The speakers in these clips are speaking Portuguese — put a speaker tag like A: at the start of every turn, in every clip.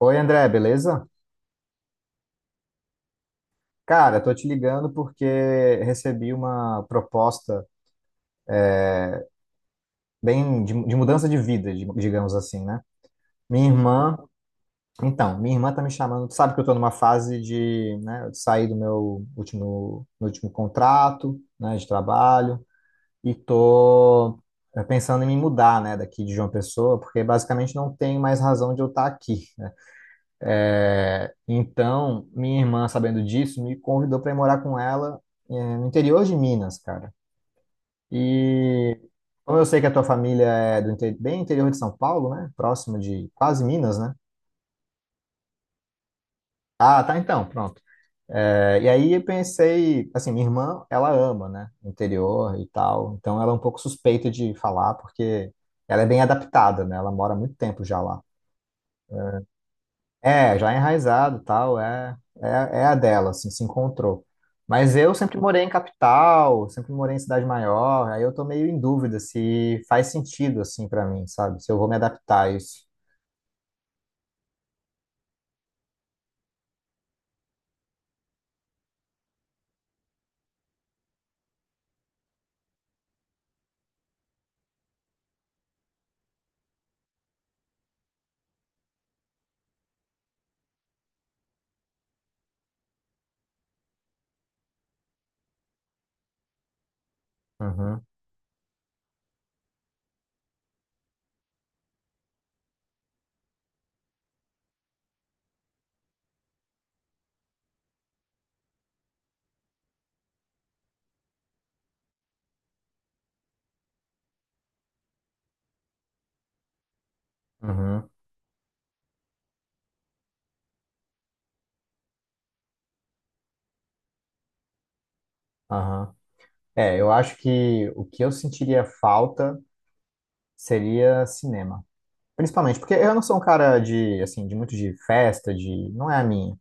A: Oi, André, beleza? Cara, tô te ligando porque recebi uma proposta bem de mudança de vida, digamos assim, né? Minha irmã, então, minha irmã tá me chamando, tu sabe que eu tô numa fase de, né, de sair do meu último contrato, né, de trabalho e tô pensando em me mudar, né, daqui de João Pessoa, porque basicamente não tem mais razão de eu estar aqui, né? Então, minha irmã, sabendo disso, me convidou para ir morar com ela, no interior de Minas, cara. E como eu sei que a tua família é do bem interior de São Paulo, né? Próximo de quase Minas, né? Ah, tá então, pronto. E aí eu pensei, assim, minha irmã, ela ama, né? Interior e tal. Então ela é um pouco suspeita de falar, porque ela é bem adaptada, né? Ela mora há muito tempo já lá. Já enraizado, tal, é, é a dela, assim, se encontrou. Mas eu sempre morei em capital, sempre morei em cidade maior, aí eu tô meio em dúvida se faz sentido, assim, pra mim, sabe? Se eu vou me adaptar a isso. Uhum, uhum, aham. É, eu acho que o que eu sentiria falta seria cinema. Principalmente porque eu não sou um cara de, assim, de muito de festa, de... Não é a minha,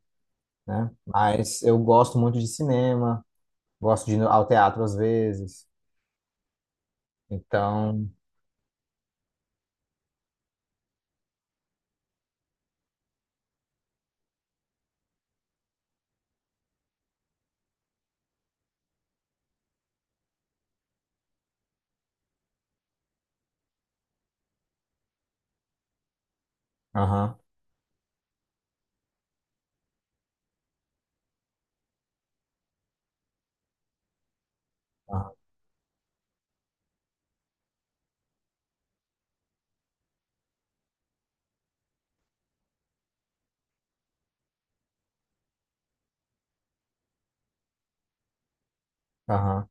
A: né? Mas eu gosto muito de cinema, gosto de ir ao teatro às vezes. Então, aham, aham, aham,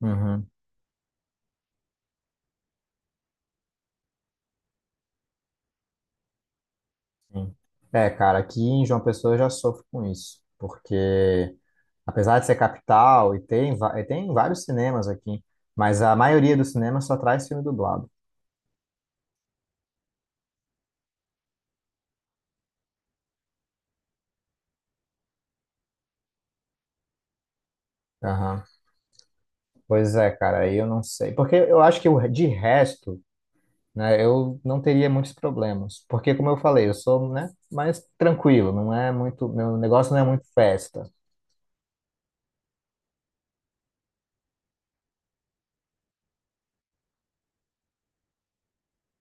A: uhum, sim. É, cara, aqui em João Pessoa eu já sofro com isso, porque apesar de ser capital, e tem, e tem vários cinemas aqui, mas a maioria dos cinemas só traz filme dublado. Aham. Pois é, cara, aí eu não sei. Porque eu acho que o- de resto, né, eu não teria muitos problemas. Porque, como eu falei, eu sou, né, mais tranquilo, não é muito, meu negócio não é muito festa.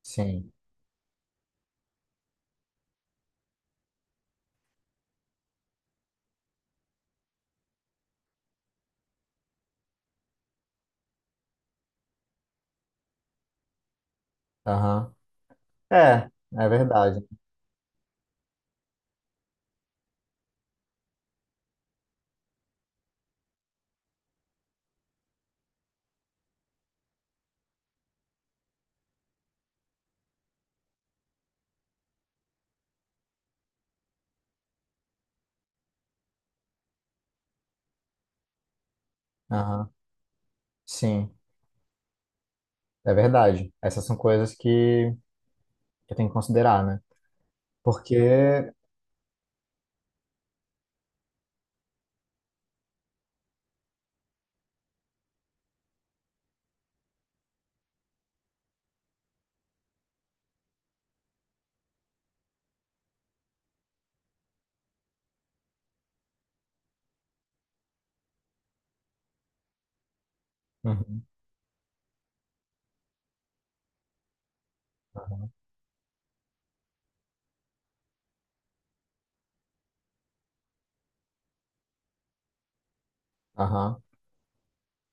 A: Sim, aham. É, é verdade. Aham, sim. É verdade. Essas são coisas que eu tenho que considerar, né? Porque. Uhum. Aham.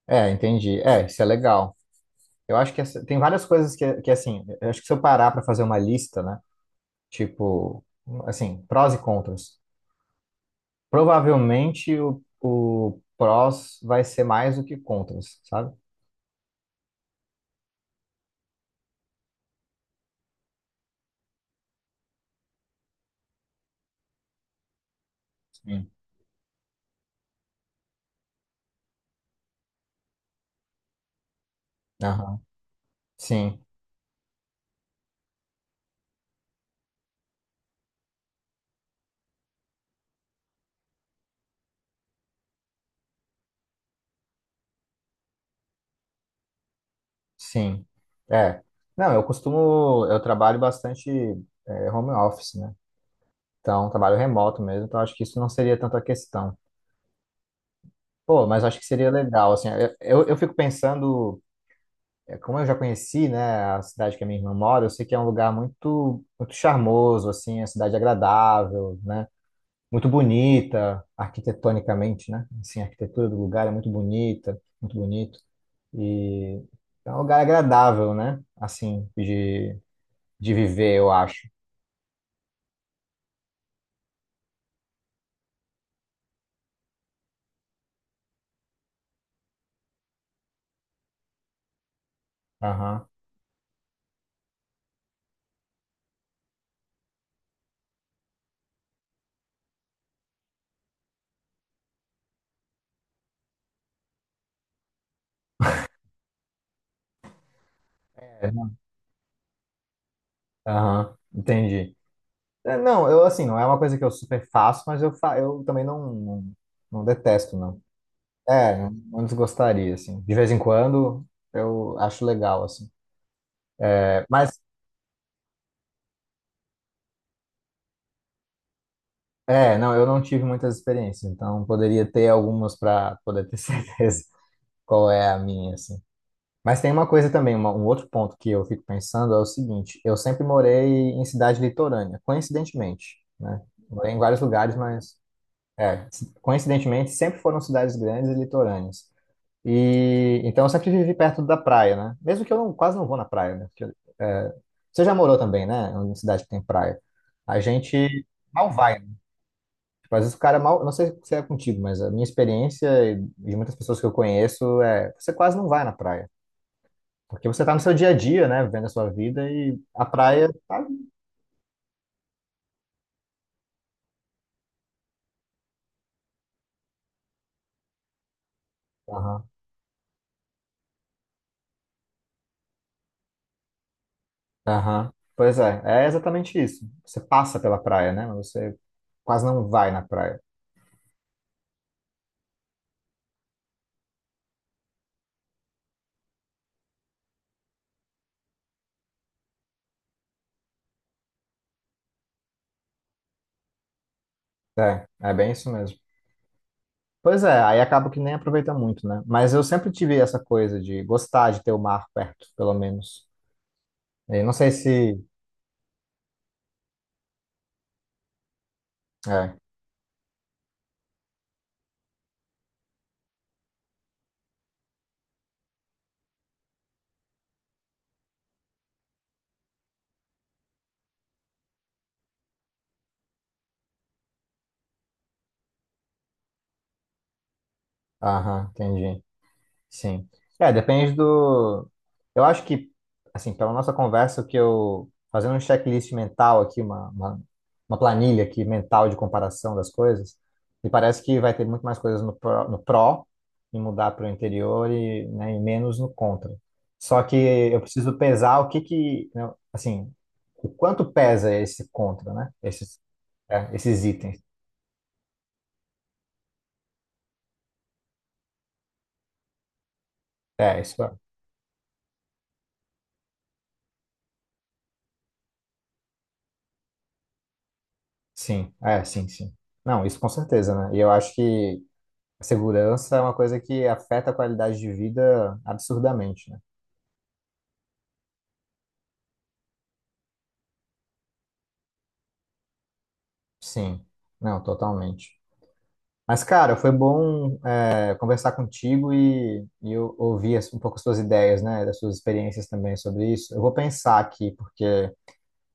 A: É, entendi. É, isso é legal. Eu acho que tem várias coisas que, assim, eu acho que se eu parar para fazer uma lista, né? Tipo, assim, prós e contras. Provavelmente o prós vai ser mais do que contras, sabe? Sim. Aham. Sim, sim. É. Não, eu costumo. Eu trabalho bastante home office, né? Então, trabalho remoto mesmo, então acho que isso não seria tanta questão. Pô, mas acho que seria legal, assim, eu fico pensando, como eu já conheci, né, a cidade que a minha irmã mora, eu sei que é um lugar muito, muito charmoso, assim, a cidade agradável, né, muito bonita, arquitetonicamente, né, assim, a arquitetura do lugar é muito bonita, muito bonito, e é um lugar agradável, né, assim, de viver, eu acho. Aham. É, aham, entendi. É, não, eu assim, não é uma coisa que eu super faço, mas eu, fa eu também não, não, não detesto, não. É, antes gostaria, assim. De vez em quando eu acho legal, assim. Mas, não, eu não tive muitas experiências, então poderia ter algumas para poder ter certeza qual é a minha, assim. Mas tem uma coisa também, um outro ponto que eu fico pensando é o seguinte: eu sempre morei em cidade litorânea, coincidentemente, né? Morei em vários lugares, mas, é, coincidentemente, sempre foram cidades grandes e litorâneas. E então eu sempre vivi perto da praia, né? Mesmo que eu não, quase não vou na praia, né? Porque, é, você já morou também, né? Em cidade que tem praia. A gente mal vai, né? Tipo, às vezes o cara mal. Não sei se é contigo, mas a minha experiência e de muitas pessoas que eu conheço é você quase não vai na praia. Porque você tá no seu dia a dia, né? Vivendo a sua vida e a praia tá ali. Aham. Aham. Pois é, é exatamente isso. Você passa pela praia, né? Mas você quase não vai na praia. É, é bem isso mesmo. Pois é, aí acaba que nem aproveita muito, né? Mas eu sempre tive essa coisa de gostar de ter o mar perto, pelo menos. E não sei se. É, aham, entendi. Sim. É, depende do. Eu acho que, assim, pela nossa conversa, o que eu. Fazendo um checklist mental aqui, uma, uma planilha aqui mental de comparação das coisas, me parece que vai ter muito mais coisas no pró, e mudar para o interior e, né, e menos no contra. Só que eu preciso pesar o que que, né, assim, o quanto pesa esse contra, né? Esses itens. É, isso é. Sim, sim, sim. Não, isso com certeza, né? E eu acho que. A segurança é uma coisa que afeta a qualidade de vida absurdamente, né? Sim, não, totalmente. Mas, cara, foi bom, conversar contigo e, eu ouvir um pouco as suas ideias, né, das suas experiências também sobre isso. Eu vou pensar aqui, porque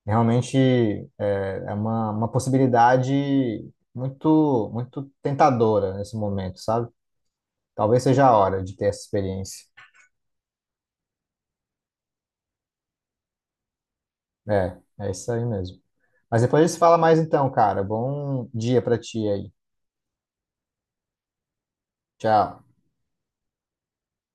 A: realmente é uma, possibilidade muito, muito tentadora nesse momento, sabe? Talvez seja a hora de ter essa experiência. É, é isso aí mesmo. Mas depois a gente se fala mais então, cara. Bom dia pra ti aí. Tchau.